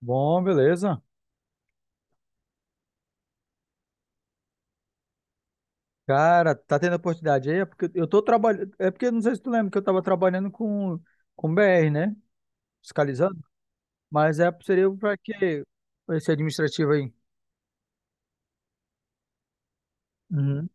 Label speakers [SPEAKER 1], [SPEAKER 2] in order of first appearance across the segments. [SPEAKER 1] Bom, beleza. Cara, tá tendo oportunidade aí? É porque eu tô trabalhando. É porque não sei se tu lembra que eu tava trabalhando com BR, né? Fiscalizando. Mas é, seria pra quê? Pra esse administrativo aí. Uhum.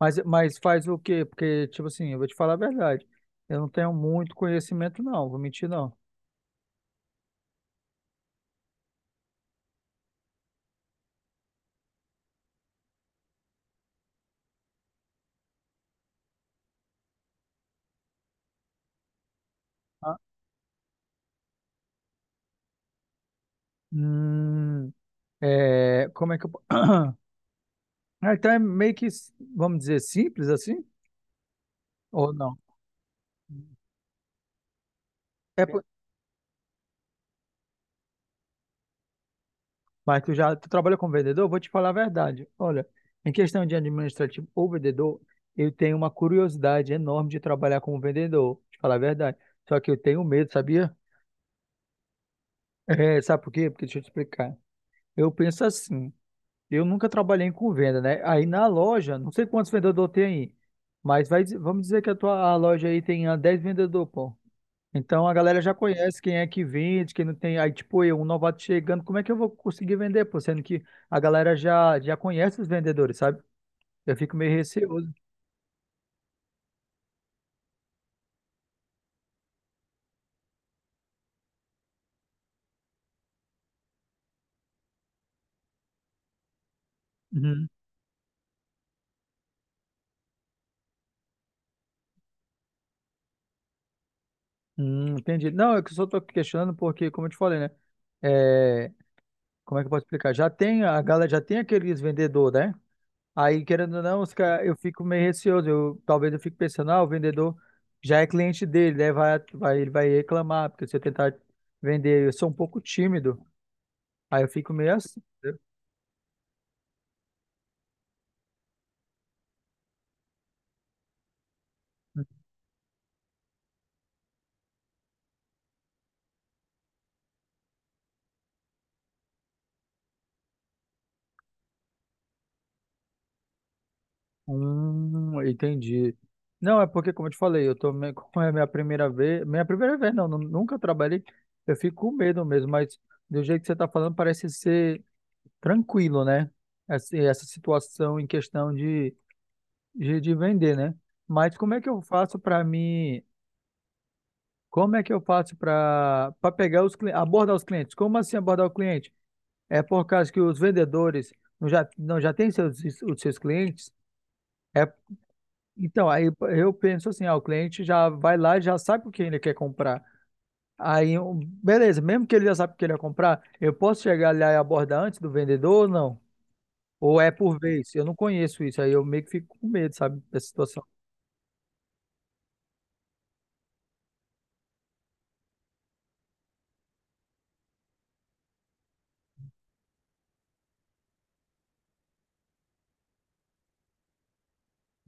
[SPEAKER 1] Mas faz o quê? Porque, tipo assim, eu vou te falar a verdade. Eu não tenho muito conhecimento, não. Vou mentir, não. Ah, hum, é, como é que euAh, então é meio que, vamos dizer, simples assim? Ou não? É, po- Mas tu trabalha como vendedor? Vou te falar a verdade. Olha, em questão de administrativo ou vendedor, eu tenho uma curiosidade enorme de trabalhar como vendedor, te falar a verdade. Só que eu tenho medo, sabia? É, sabe por quê? Porque deixa eu te explicar. Eu penso assim, eu nunca trabalhei com venda, né? Aí na loja, não sei quantos vendedores tem aí, mas vamos dizer que a loja aí tem 10 vendedores, pô. Então a galera já conhece quem é que vende, quem não tem. Aí, tipo, eu, um novato chegando, como é que eu vou conseguir vender, pô? Sendo que a galera já conhece os vendedores, sabe? Eu fico meio receoso. Uhum. Entendi. Não, é que eu só tô questionando porque, como eu te falei, né? É, como é que eu posso explicar? A galera já tem aqueles vendedores, né? Aí, querendo ou não, os cara, eu fico meio receoso. Talvez eu fique pensando, o vendedor já é cliente dele, né? Vai, vai, ele vai reclamar, porque se eu tentar vender, eu sou um pouco tímido. Aí eu fico meio assim. Entendi. Não, é porque, como eu te falei, eu tô meio, como é a minha primeira vez não, nunca trabalhei, eu fico com medo mesmo, mas do jeito que você tá falando parece ser tranquilo, né? Essa situação em questão de, vender, né? Mas como é que eu faço para mim, como é que eu faço para pegar os clientes, abordar os clientes? Como assim abordar o cliente? É por causa que os vendedores não já têm os seus clientes? É. Então, aí eu penso assim, o cliente já vai lá e já sabe o que ele quer comprar. Aí, beleza, mesmo que ele já sabe o que ele quer comprar, eu posso chegar lá e abordar antes do vendedor ou não? Ou é por vez? Eu não conheço isso, aí eu meio que fico com medo, sabe, dessa situação.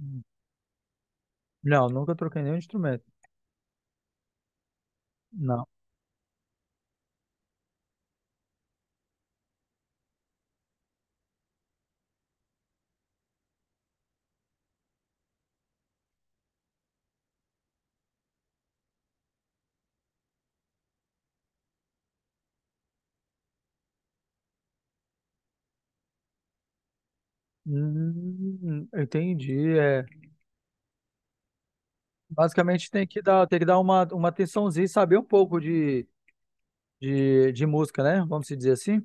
[SPEAKER 1] Hum. Não, nunca troquei nenhum instrumento. Não. Entendi. É. Basicamente tem que dar uma atençãozinha e saber um pouco de música, né? Vamos se dizer assim.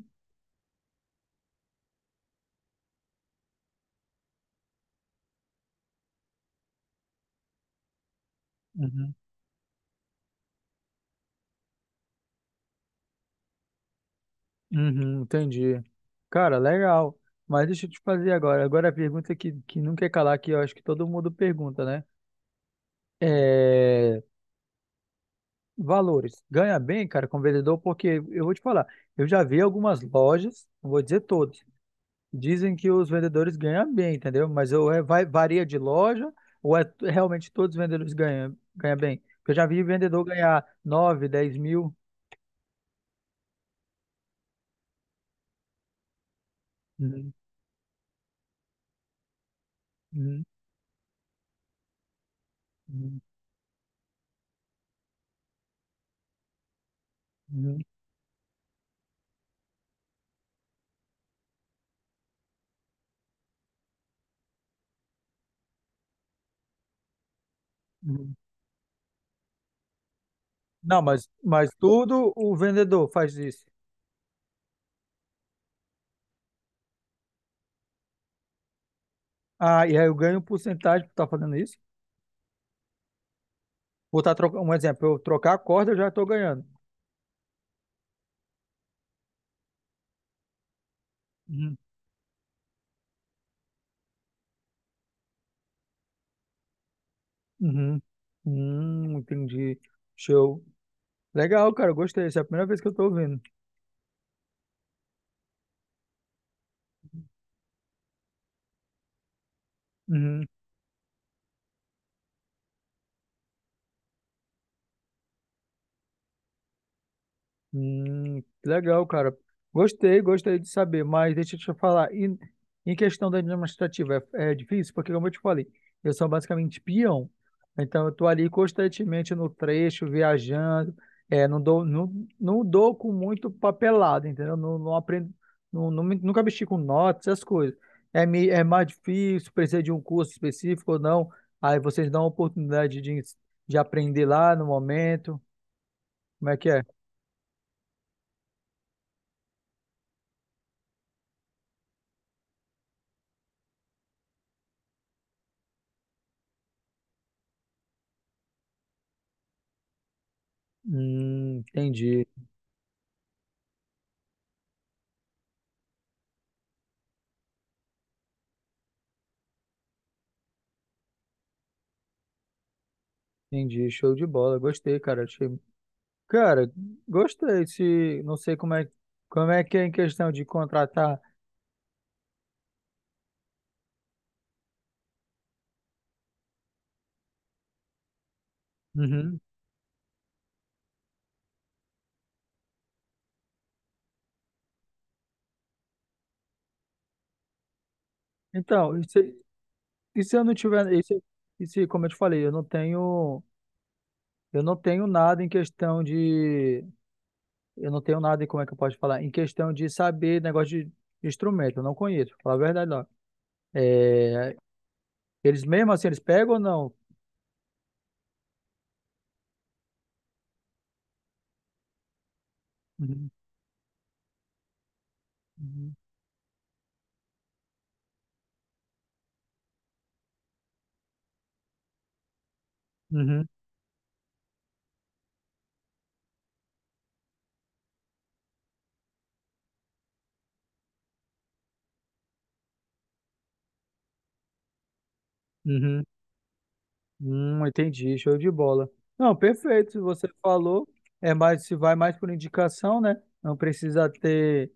[SPEAKER 1] Uhum, entendi. Cara, legal. Mas deixa eu te fazer agora. Agora a pergunta que não quer calar, que eu acho que todo mundo pergunta, né? É... Valores. Ganha bem, cara, como vendedor, porque eu vou te falar, eu já vi algumas lojas, não vou dizer todas, dizem que os vendedores ganham bem, entendeu? Mas eu, varia de loja, ou é realmente todos os vendedores ganham bem? Porque eu já vi vendedor ganhar nove, 10 mil. Uhum, uhum, uhum, uhum, uhum. Não, mas tudo o vendedor faz isso. Ah, e aí eu ganho um porcentagem por estar fazendo isso. Vou estar trocando, um exemplo, eu trocar a corda, eu já estou ganhando. Uhum. Uhum. Entendi. Show. Legal, cara, eu gostei. Essa é a primeira vez que eu estou ouvindo. Uhum. Legal, cara. Gostei, gostei de saber, mas deixa eu te falar, em questão da administrativa, é difícil, porque como eu te falei, eu sou basicamente peão, então eu tô ali constantemente no trecho, viajando, é, não dou com muito papelado, entendeu? Não, não aprendo, nunca mexi com notas, essas coisas. É, é mais difícil, precisa de um curso específico ou não, aí vocês dão a oportunidade de aprender lá no momento, como é que é? Entendi, entendi. Show de bola. Gostei, cara. Cara, gostei. Se... Não sei como é que é em questão de contratar. Uhum. Então, e se eu não tiver. E se, como eu te falei, eu não tenho. Eu não tenho nada em questão de. Eu não tenho nada, como é que eu posso falar? Em questão de saber negócio de instrumento. Eu não conheço, pra falar a verdade, não. É... Eles mesmo assim, eles pegam ou não? Uhum. Uhum. Uhum. Uhum. Entendi, show de bola. Não, perfeito, se você falou, é mais se vai mais por indicação, né? Não precisa ter,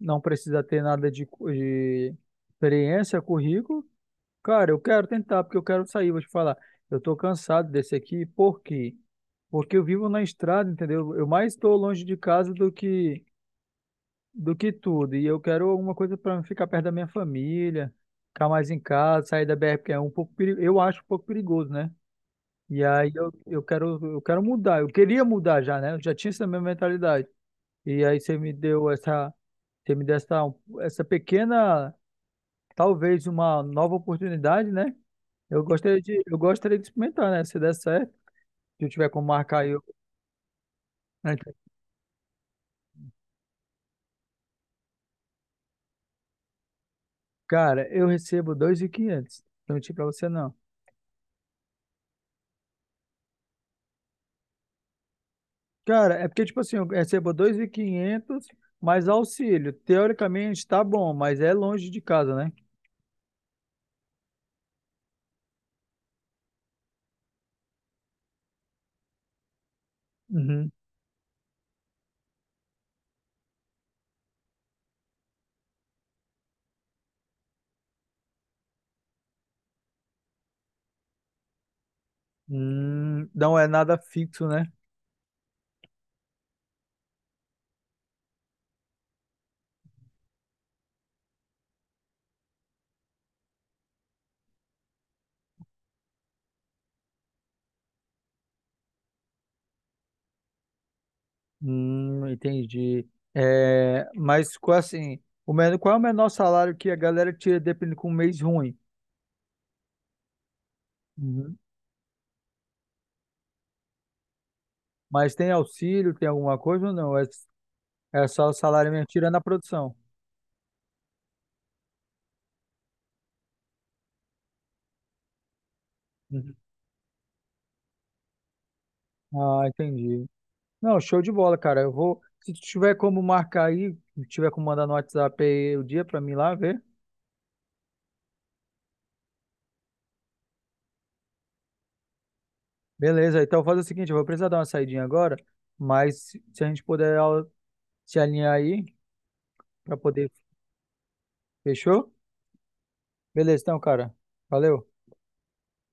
[SPEAKER 1] não precisa ter nada de, de experiência, currículo. Cara, eu quero tentar porque eu quero sair, vou te falar. Eu tô cansado desse aqui, por quê? Porque eu vivo na estrada, entendeu? Eu mais estou longe de casa do que tudo, e eu quero alguma coisa para ficar perto da minha família, ficar mais em casa, sair da BR, porque é um pouco, eu acho um pouco perigoso, né? E aí eu quero mudar. Eu queria mudar já, né? Eu já tinha essa minha mentalidade. E aí você me deu essa pequena, talvez uma nova oportunidade, né? Eu gostaria de experimentar, né? Se der certo, se eu tiver como marcar aí, eu... Cara, eu recebo 2.500. Não menti pra você, não. Cara, é porque, tipo assim, eu recebo 2.500 mais auxílio. Teoricamente tá bom, mas é longe de casa, né? Uhum. Não é nada fixo, né? Entendi. É, mas assim, o menor, qual é o menor salário que a galera tira dependendo com um mês ruim? Uhum. Mas tem auxílio, tem alguma coisa ou não? É só o salário mesmo, tirando a produção. Uhum. Ah, entendi. Não, show de bola, cara. Se tu tiver como marcar aí, se tiver como mandar no WhatsApp aí o dia pra mim lá ver. Beleza, então faz o seguinte, eu vou precisar dar uma saidinha agora, mas se a gente puder ó, se alinhar aí pra poder, fechou? Beleza, então, cara. Valeu.